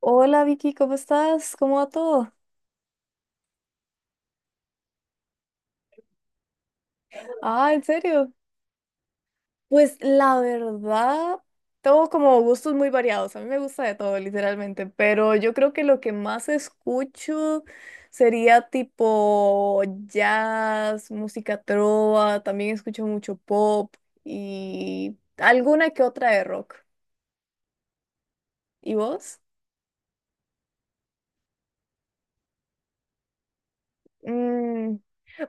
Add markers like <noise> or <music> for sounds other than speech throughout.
Hola Vicky, ¿cómo estás? ¿Cómo va todo? Ah, ¿en serio? Pues la verdad, tengo como gustos muy variados. A mí me gusta de todo, literalmente. Pero yo creo que lo que más escucho sería tipo jazz, música trova. También escucho mucho pop y alguna que otra de rock. ¿Y vos?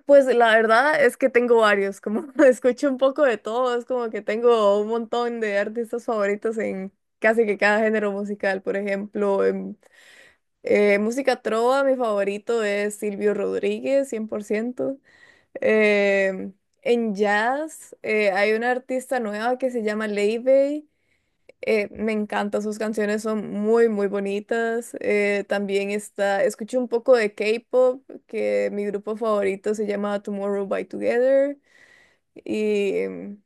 Pues la verdad es que tengo varios, como <laughs> escucho un poco de todo, es como que tengo un montón de artistas favoritos en casi que cada género musical. Por ejemplo, en música trova, mi favorito es Silvio Rodríguez, 100%. Em, en jazz, hay una artista nueva que se llama Leibey, me encantan sus canciones, son muy, muy bonitas. También está, escuché un poco de K-pop, que mi grupo favorito se llama Tomorrow by Together. Y,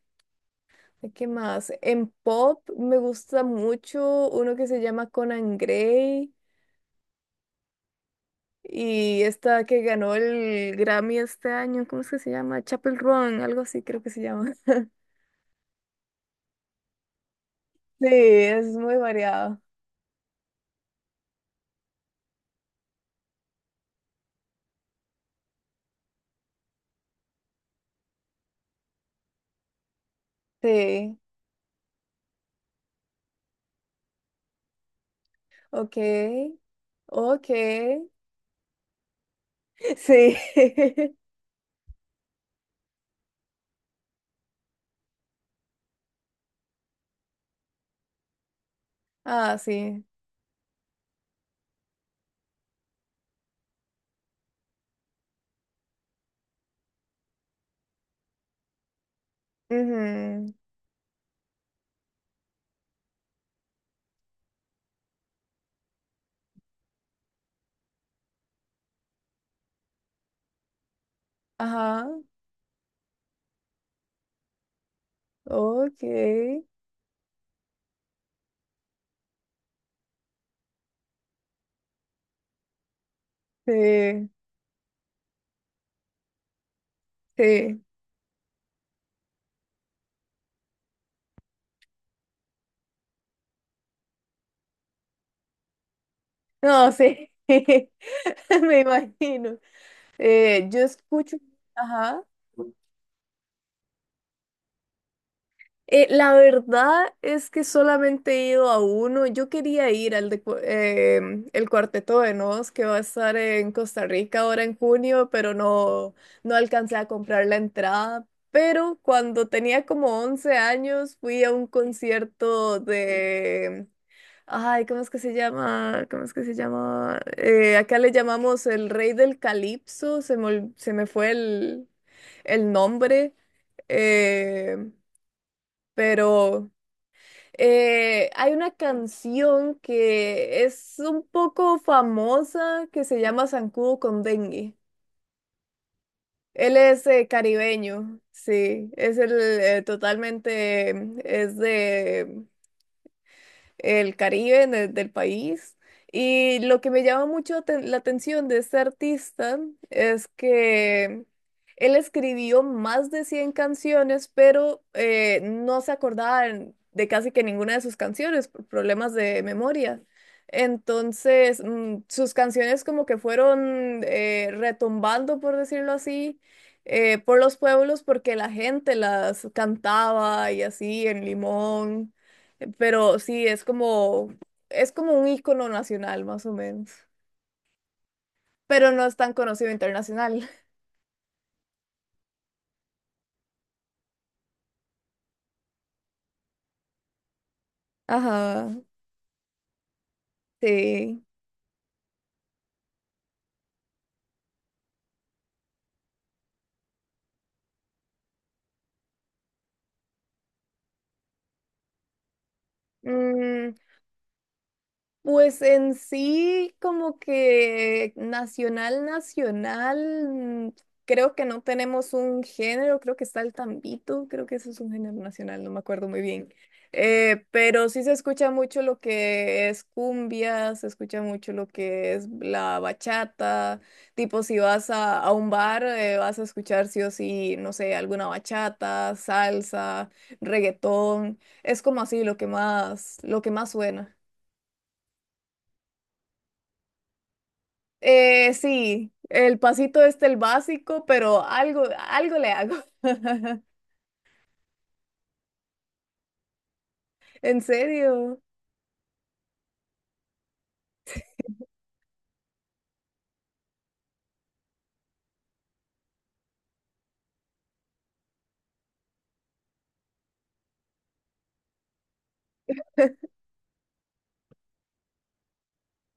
¿qué más? En pop me gusta mucho uno que se llama Conan Gray y esta que ganó el Grammy este año, ¿cómo es que se llama? Chapel Run, algo así creo que se llama. <laughs> Sí, es muy variado. Sí, ok, ok, <laughs> sí. <laughs> Ah, sí. Ujú. Ajá. Ok. Sí, sí. No, sí. <laughs> Me imagino. Yo escucho. Ajá. La verdad es que solamente he ido a uno. Yo quería ir al de, cu- em, el Cuarteto de Nos, que va a estar en Costa Rica ahora en junio, pero no, no alcancé a comprar la entrada. Pero cuando tenía como 11 años fui a un concierto de. Ay, ¿cómo es que se llama? ¿Cómo es que se llama? Acá le llamamos el Rey del Calipso. Se me fue el nombre. Eh, pero hay una canción que es un poco famosa que se llama Zancudo con Dengue. Él es caribeño, sí, es el totalmente, es de el Caribe del país. Y lo que me llama mucho la atención de este artista es que él escribió más de 100 canciones, pero no se acordaba de casi que ninguna de sus canciones por problemas de memoria. Entonces, sus canciones como que fueron retumbando, por decirlo así, por los pueblos porque la gente las cantaba y así en Limón. Pero sí, es como un icono nacional, más o menos. Pero no es tan conocido internacional. <laughs> Ajá, sí. Mm, Pues en sí, como que nacional, nacional, creo que no tenemos un género, creo que está el tambito, creo que eso es un género nacional, no me acuerdo muy bien. Pero sí se escucha mucho lo que es cumbia, se escucha mucho lo que es la bachata, tipo si vas a un bar, vas a escuchar sí o sí, no sé, alguna bachata, salsa, reggaetón, es como así lo que más suena. Sí, el pasito este, el básico, pero algo le hago. <laughs> ¿En serio?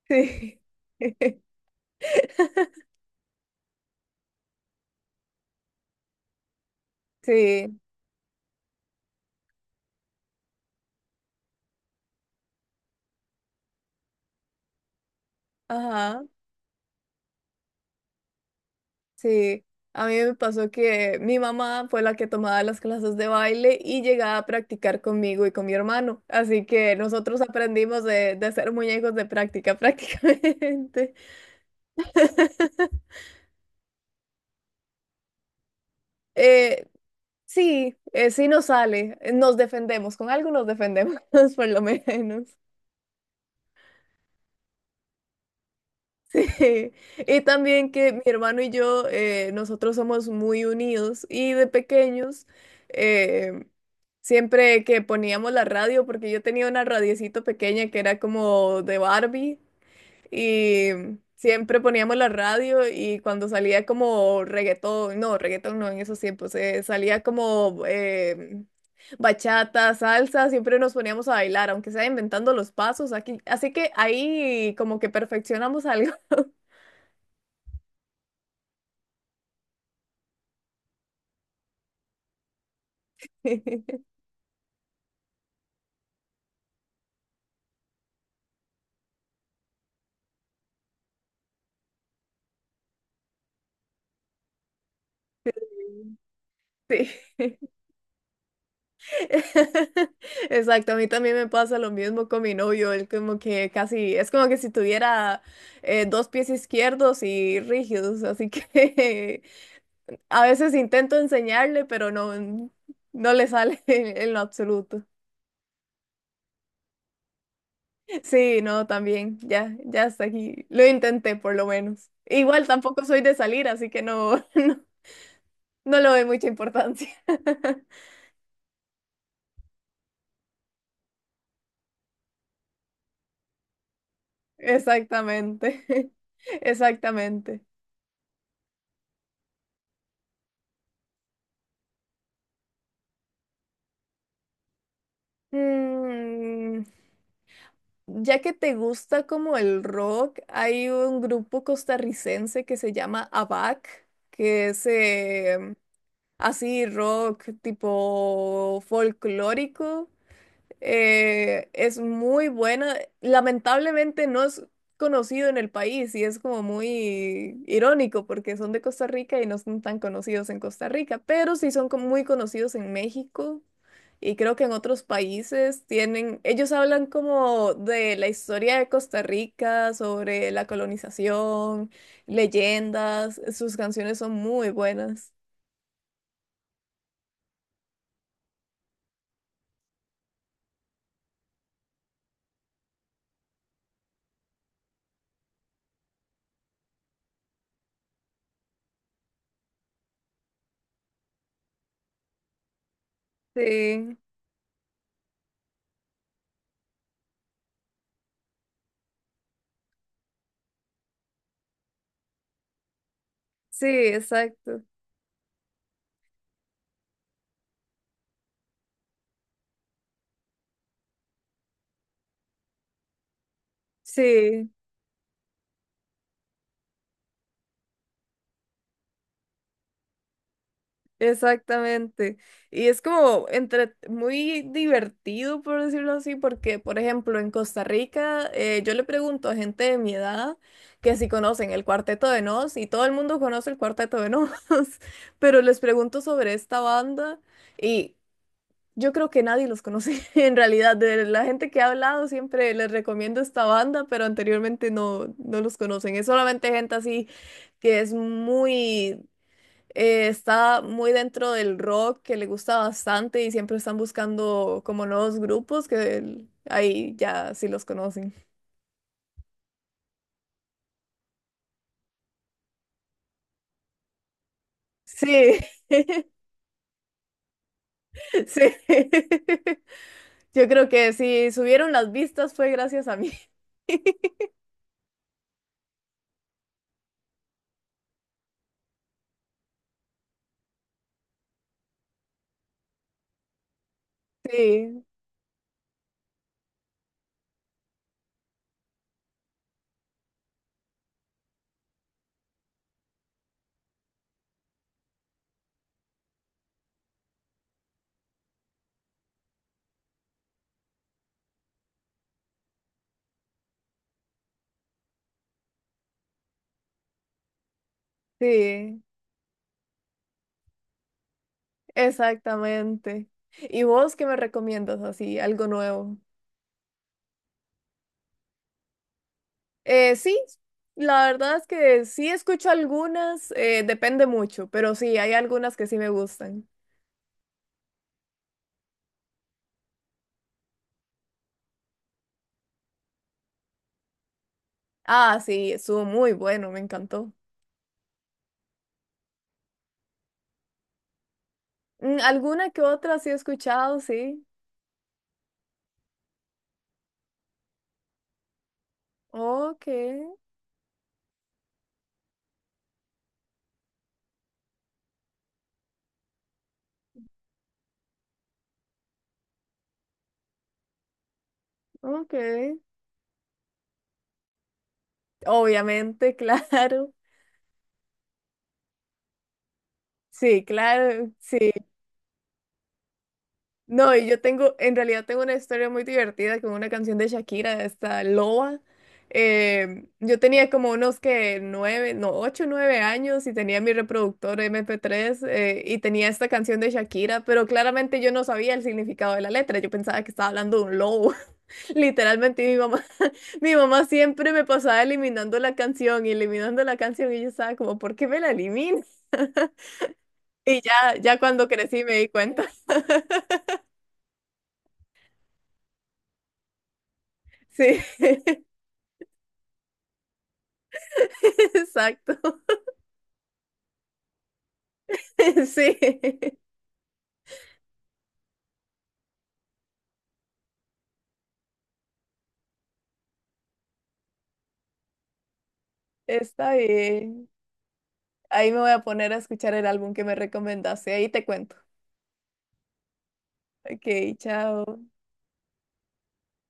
Sí. <laughs> Sí, ajá, sí. A mí me pasó que mi mamá fue la que tomaba las clases de baile y llegaba a practicar conmigo y con mi hermano. Así que nosotros aprendimos de ser muñecos de práctica <laughs> prácticamente. <laughs> Eh, sí nos sale, nos defendemos, con algo nos defendemos <laughs> por lo menos. Sí, y también que mi hermano y yo, nosotros somos muy unidos y de pequeños, eh, siempre que poníamos la radio, porque yo tenía una radiecito pequeña que era como de Barbie, y siempre poníamos la radio y cuando salía como reggaetón no en esos tiempos, salía como bachata, salsa, siempre nos poníamos a bailar, aunque sea inventando los pasos aquí, así que ahí como que perfeccionamos <laughs> algo. <laughs> Sí, <laughs> exacto. A mí también me pasa lo mismo con mi novio. Él como que casi, es como que si tuviera dos pies izquierdos y rígidos. Así que <laughs> a veces intento enseñarle, pero no, no le sale <laughs> en lo absoluto. Sí, no, también. Ya, ya hasta aquí. Lo intenté por lo menos. Igual tampoco soy de salir, así que no, <laughs> no le doy mucha importancia. <laughs> Exactamente, <laughs> exactamente. Mm, ya que te gusta como el rock, hay un grupo costarricense que se llama ABAC, que es así rock tipo folclórico. Es muy buena. Lamentablemente no es conocido en el país y es como muy irónico porque son de Costa Rica y no son tan conocidos en Costa Rica, pero sí son como muy conocidos en México y creo que en otros países tienen, ellos hablan como de la historia de Costa Rica, sobre la colonización, leyendas, sus canciones son muy buenas. Sí, sí, exacto. Sí. Exactamente. Y es como entre muy divertido, por decirlo así, porque, por ejemplo, en Costa Rica, yo le pregunto a gente de mi edad que si conocen el Cuarteto de Nos, y todo el mundo conoce el Cuarteto de Nos, <laughs> pero les pregunto sobre esta banda y yo creo que nadie los conoce <laughs> en realidad. De la gente que ha hablado, siempre les recomiendo esta banda, pero anteriormente no, no los conocen. Es solamente gente así que es muy está muy dentro del rock que le gusta bastante y siempre están buscando como nuevos grupos que ahí ya sí los conocen. Sí, <laughs> sí. <laughs> Yo creo que si subieron las vistas fue gracias a mí. <laughs> Sí, sí, exactamente. ¿Y vos qué me recomiendas así, algo nuevo? Sí, la verdad es que sí escucho algunas, depende mucho, pero sí, hay algunas que sí me gustan. Ah, sí, estuvo muy bueno, me encantó. Alguna que otra sí he escuchado, sí. Ok, ok. Obviamente, <laughs> claro. Sí, claro, sí. No, y yo tengo, en realidad tengo una historia muy divertida con una canción de Shakira, esta Loba. Yo tenía como unos que nueve, no, ocho, nueve años y tenía mi reproductor MP3 y tenía esta canción de Shakira, pero claramente yo no sabía el significado de la letra, yo pensaba que estaba hablando de un lobo. Literalmente mi mamá, <laughs> mi mamá siempre me pasaba eliminando la canción y eliminando la canción y yo estaba como, ¿por qué me la eliminas? Y ya, ya cuando crecí me di cuenta. Sí, <laughs> exacto. <laughs> Sí, está bien. Ahí me voy a poner a escuchar el álbum que me recomendaste. Ahí te cuento. Ok, chao.